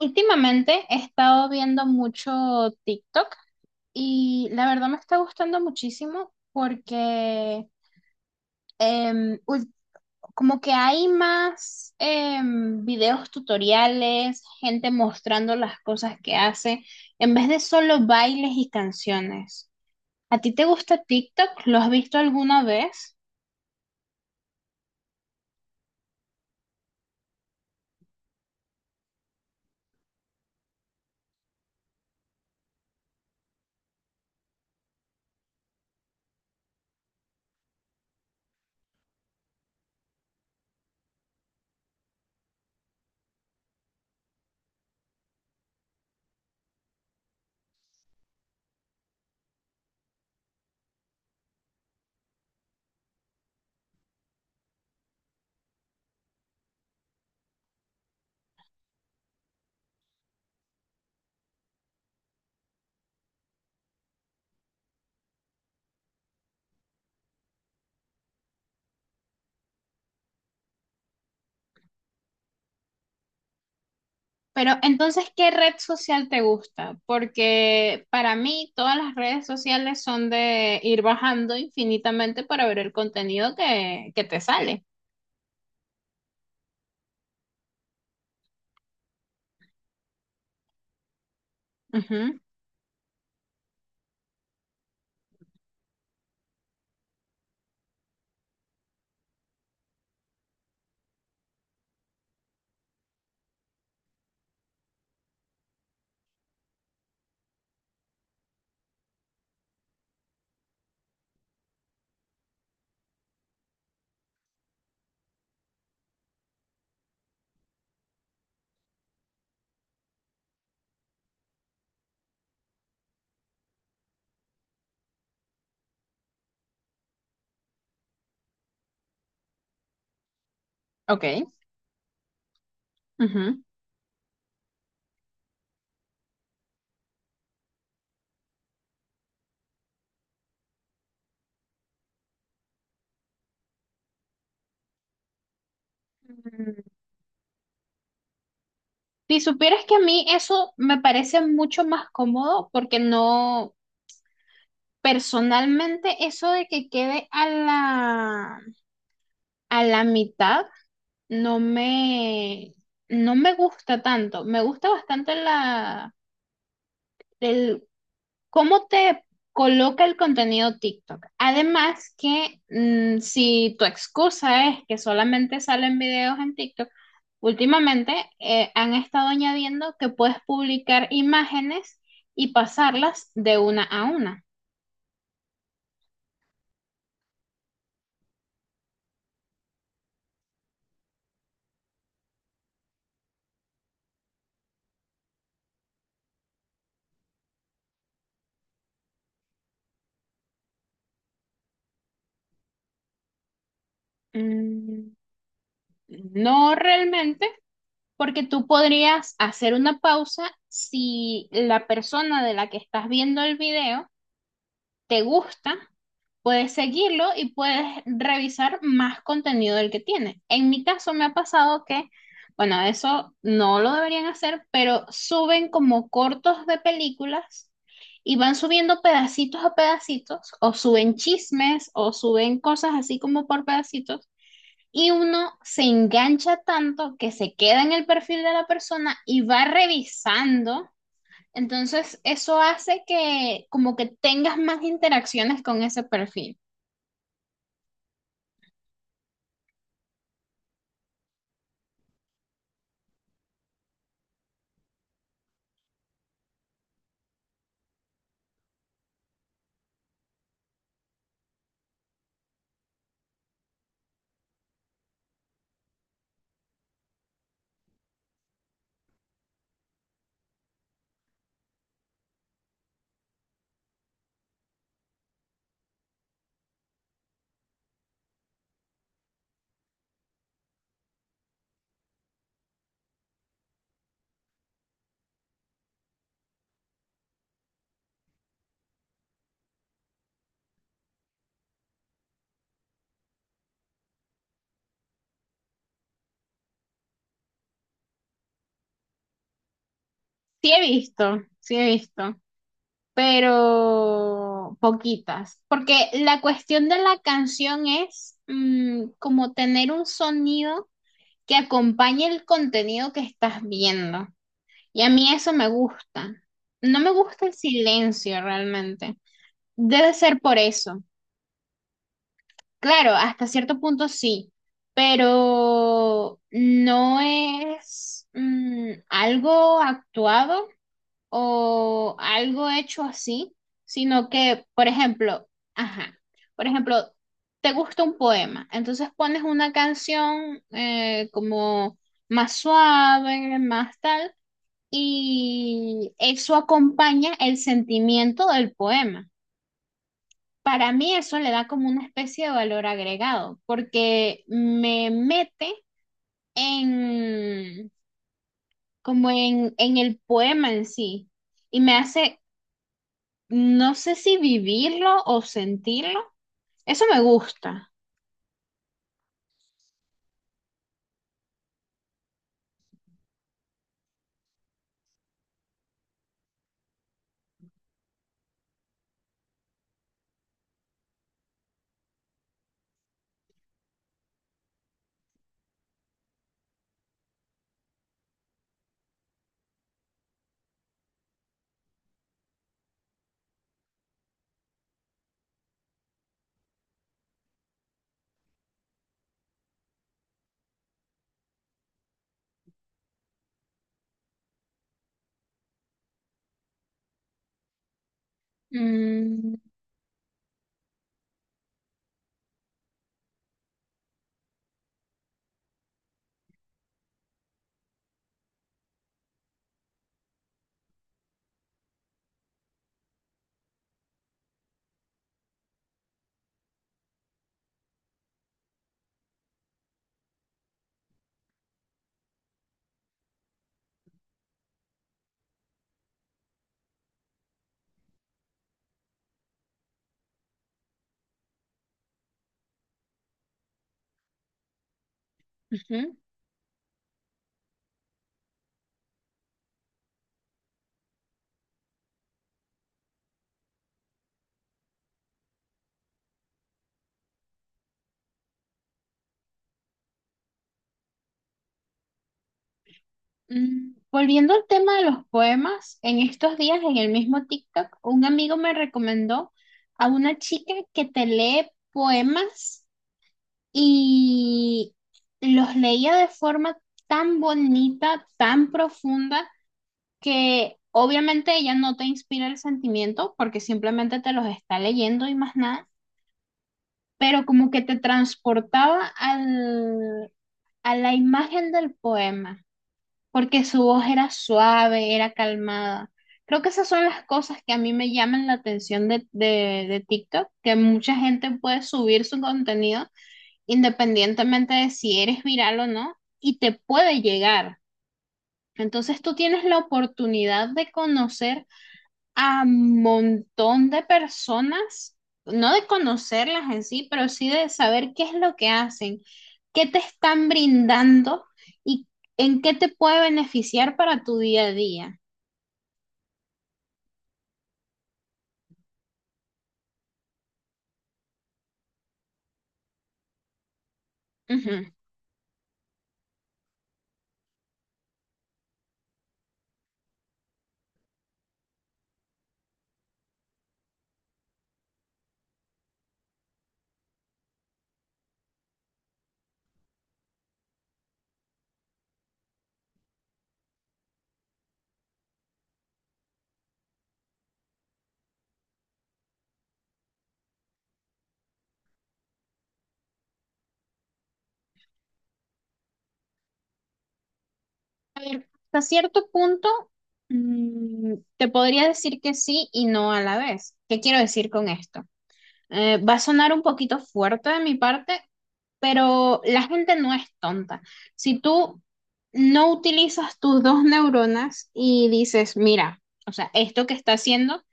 Últimamente he estado viendo mucho TikTok y la verdad me está gustando muchísimo porque em, ul- como que hay más videos tutoriales, gente mostrando las cosas que hace, en vez de solo bailes y canciones. ¿A ti te gusta TikTok? ¿Lo has visto alguna vez? Pero entonces, ¿qué red social te gusta? Porque para mí todas las redes sociales son de ir bajando infinitamente para ver el contenido que te sale. Ujú. Ok, ujú. Mm. Si supieras que a mí eso me parece mucho más cómodo porque no, personalmente eso de que quede a la mitad no me, no me gusta tanto. Me gusta bastante la... el... ¿Cómo te coloca el contenido TikTok? Además que si tu excusa es que solamente salen videos en TikTok, últimamente han estado añadiendo que puedes publicar imágenes y pasarlas de una a una. Mm, no realmente, porque tú podrías hacer una pausa si la persona de la que estás viendo el video te gusta. Puedes seguirlo y puedes revisar más contenido del que tiene. En mi caso me ha pasado que, bueno, eso no lo deberían hacer, pero suben como cortos de películas y van subiendo pedacitos a pedacitos, o suben chismes, o suben cosas así como por pedacitos, y uno se engancha tanto que se queda en el perfil de la persona y va revisando. Entonces, eso hace que como que tengas más interacciones con ese perfil. Sí he visto, pero poquitas, porque la cuestión de la canción es como tener un sonido que acompañe el contenido que estás viendo. Y a mí eso me gusta. No me gusta el silencio realmente. Debe ser por eso. Claro, hasta cierto punto sí, pero no es algo actuado o algo hecho así, sino que, por ejemplo, ajá, por ejemplo, te gusta un poema, entonces pones una canción como más suave, más tal, y eso acompaña el sentimiento del poema. Para mí eso le da como una especie de valor agregado, porque me mete en como en el poema en sí y me hace... No sé si vivirlo o sentirlo. Eso me gusta. Mm, ujú. Mm, volviendo al tema de los poemas, en estos días en el mismo TikTok, un amigo me recomendó a una chica que te lee poemas y los leía de forma tan bonita, tan profunda, que obviamente ella no te inspira el sentimiento porque simplemente te los está leyendo y más nada, pero como que te transportaba a la imagen del poema, porque su voz era suave, era calmada. Creo que esas son las cosas que a mí me llaman la atención de TikTok, que mucha gente puede subir su contenido independientemente de si eres viral o no, y te puede llegar. Entonces tú tienes la oportunidad de conocer a montón de personas, no de conocerlas en sí, pero sí de saber qué es lo que hacen, qué te están brindando y en qué te puede beneficiar para tu día a día. Ujú. Hasta cierto punto, te podría decir que sí y no a la vez. ¿Qué quiero decir con esto? Va a sonar un poquito fuerte de mi parte, pero la gente no es tonta. Si tú no utilizas tus dos neuronas y dices, mira, o sea, esto que está haciendo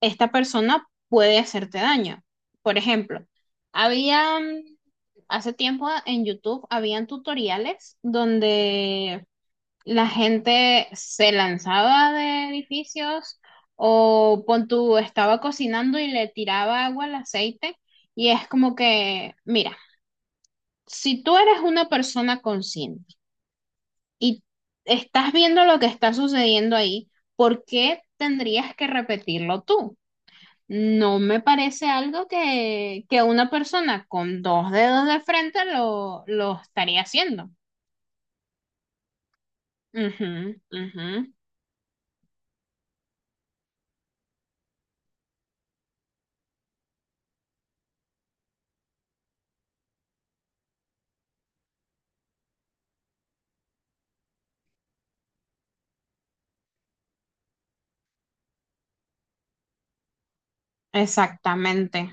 esta persona puede hacerte daño. Por ejemplo, había, hace tiempo en YouTube, habían tutoriales donde la gente se lanzaba de edificios o pon tú, estaba cocinando y le tiraba agua al aceite, y es como que, mira, si tú eres una persona consciente y estás viendo lo que está sucediendo ahí, ¿por qué tendrías que repetirlo tú? No me parece algo que una persona con dos dedos de frente lo estaría haciendo. Ujú, ujú. Exactamente.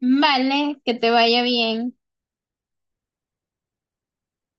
Vale, que te vaya bien.